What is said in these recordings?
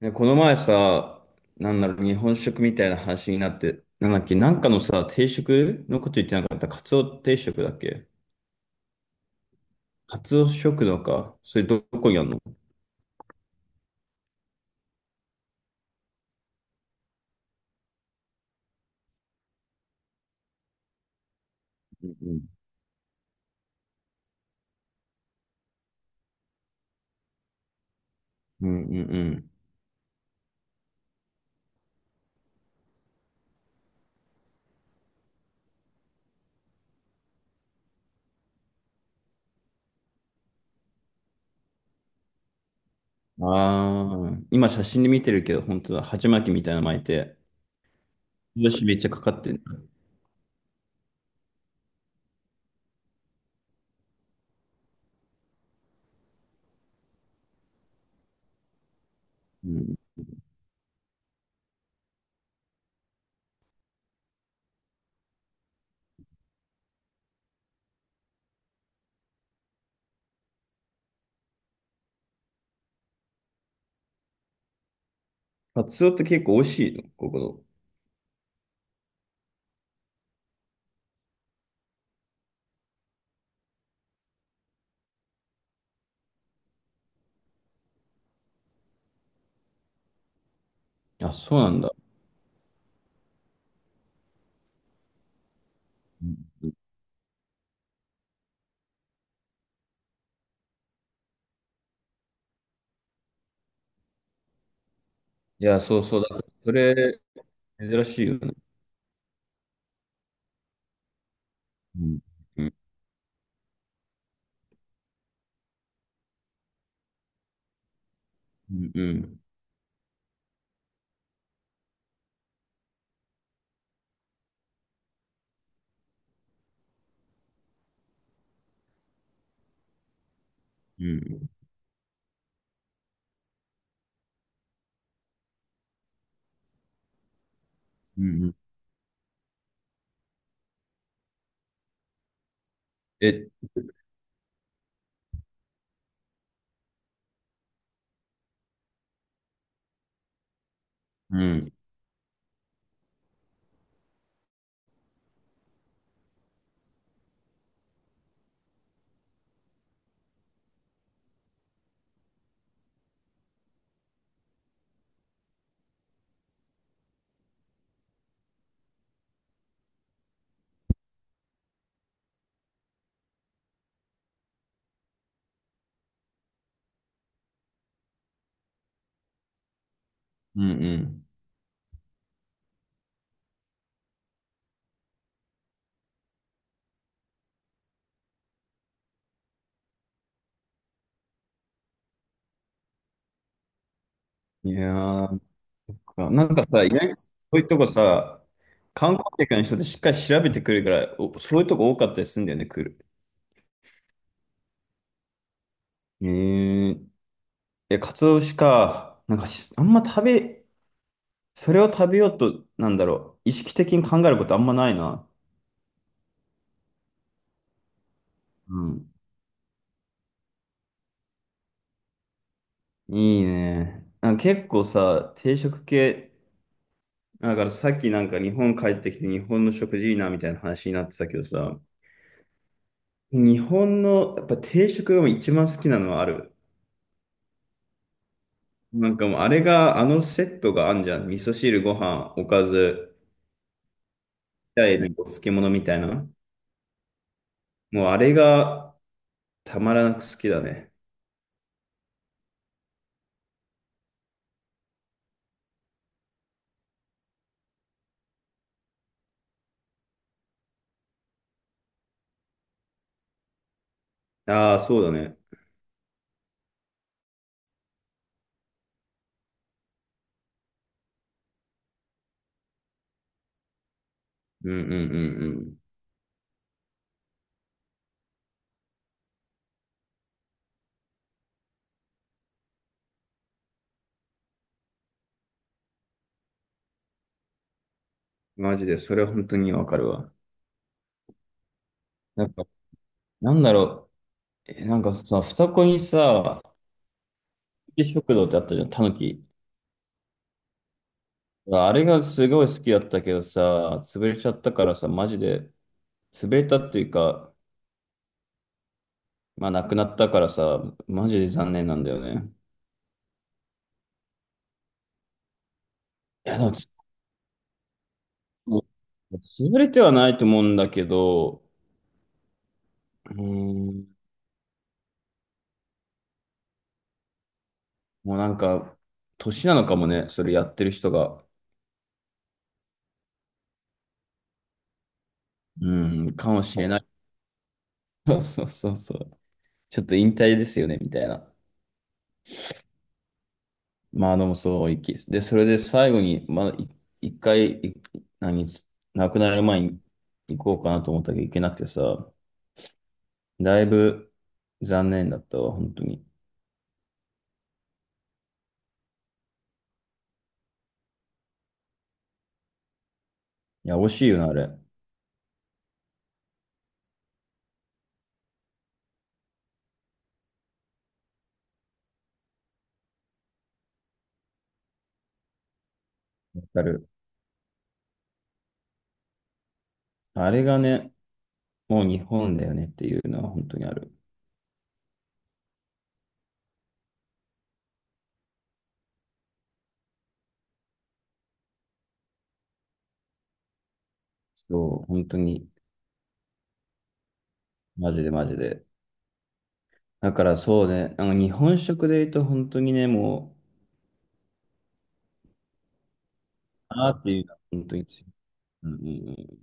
ねこの前さ、日本食みたいな話になって、なんだっけ、なんかのさ、定食のこと言ってなかった。カツオ定食だっけ。カツオ食堂か。それどこにあるの？うんうんうんうん。ああ、今写真で見てるけど、本当だ、鉢巻きみたいなの巻いて、よし、めっちゃかかってる。うん。カツオって結構美味しいのここの？あ、そうなんだ。うん。いや、そうそうだ。それ、珍しいよね。うんうんうんうんうんうんうん。え、うん。うん。ういやー、なんかさ、意外にそういうとこさ、観光客の人ってしっかり調べてくるから、おそういうとこ多かったりするんだよね、来る。えー、いや、カツオ節か。なんかし、あんま食べ、それを食べようと、意識的に考えることあんまないな。うん。いいね。なんか結構さ、定食系、だからさっきなんか日本帰ってきて日本の食事いいなみたいな話になってたけどさ、日本のやっぱ定食が一番好きなのはある。なんかもうあれが、あのセットがあんじゃん。味噌汁、ご飯、おかず、二いにお漬物みたいな。もうあれがたまらなく好きだね。ああ、そうだね。うんうんうんうん。マジで、それは本当にわかるわ。なんか、なんだろえ、なんかさ、双子にさ、食堂ってあったじゃん、タヌキ。あれがすごい好きだったけどさ、潰れちゃったからさ、マジで、潰れたっていうか、まあなくなったからさ、マジで残念なんだよね。いや、でももう潰れてはないと思うんだけど、うーん、もうなんか、年なのかもね、それやってる人が。うん、かもしれない。そうそうそう。ちょっと引退ですよね、みたいな。まあでもそう、きで、それで最後に、まあ、い一回、い何、亡くなる前に行こうかなと思ったけど行けなくてさ、だいぶ残念だったわ、本当に。いや、惜しいよな、あれ。わかる。あれがね、もう日本だよねっていうのは本当にある。そう、本当に、マジでマジで。だからそうね、あの日本食で言うと本当にね、もう、あーっていうのは本当に強い、うんうん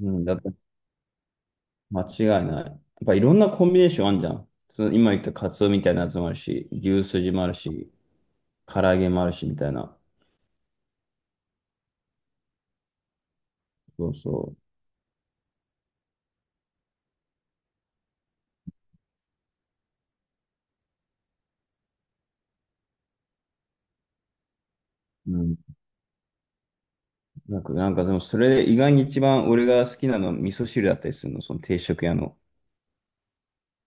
うん。うん、だって間違いない。やっぱいろんなコンビネーションあんじゃん。その今言ったカツオみたいなやつもあるし、牛すじもあるし、唐揚げもあるしみたいな。そうそう。うん。なんかでもそれで意外に一番俺が好きなのは味噌汁だったりするの、その定食屋の。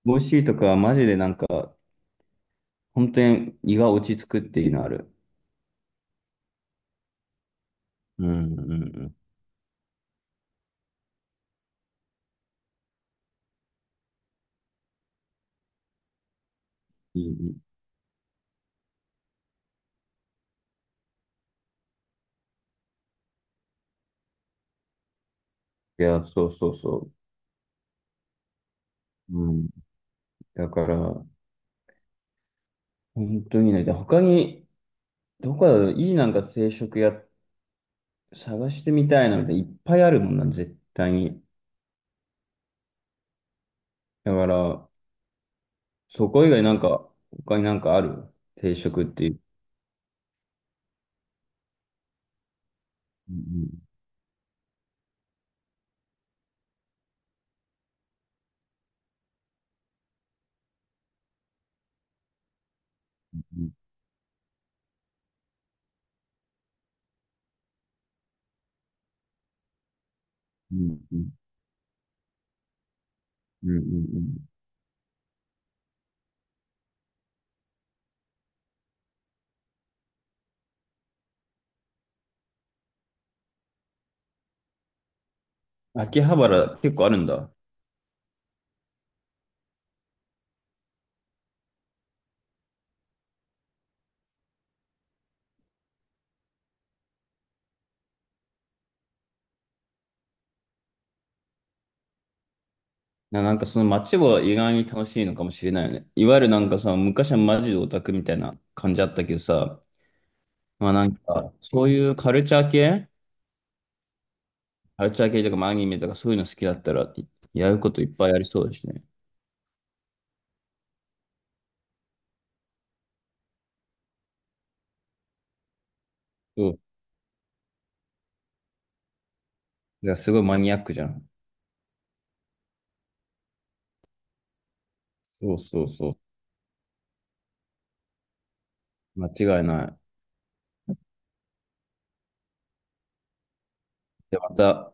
美味しいとかはマジでなんか、本当に胃が落ち着くっていうのある。うんうんうん。いい。いや、そうそうそう。うん。だから、本当にね、で他に、どこだろう、いいなんか定食屋探してみたいなみたいな、いっぱいあるもんな、絶対に。だから、そこ以外なんか、他になんかある？定食っていう。うんうんうんうんうんうんうん。秋葉原結構あるんだ。な、なんかその街は意外に楽しいのかもしれないよね。いわゆるなんかさ、昔はマジでオタクみたいな感じあったけどさ、まあなんか、そういうカルチャー系とかアニメとかそういうの好きだったら、いやることいっぱいありそうですね。そう。いや、すごいマニアックじゃん。そうそうそう。間違いない。で、また、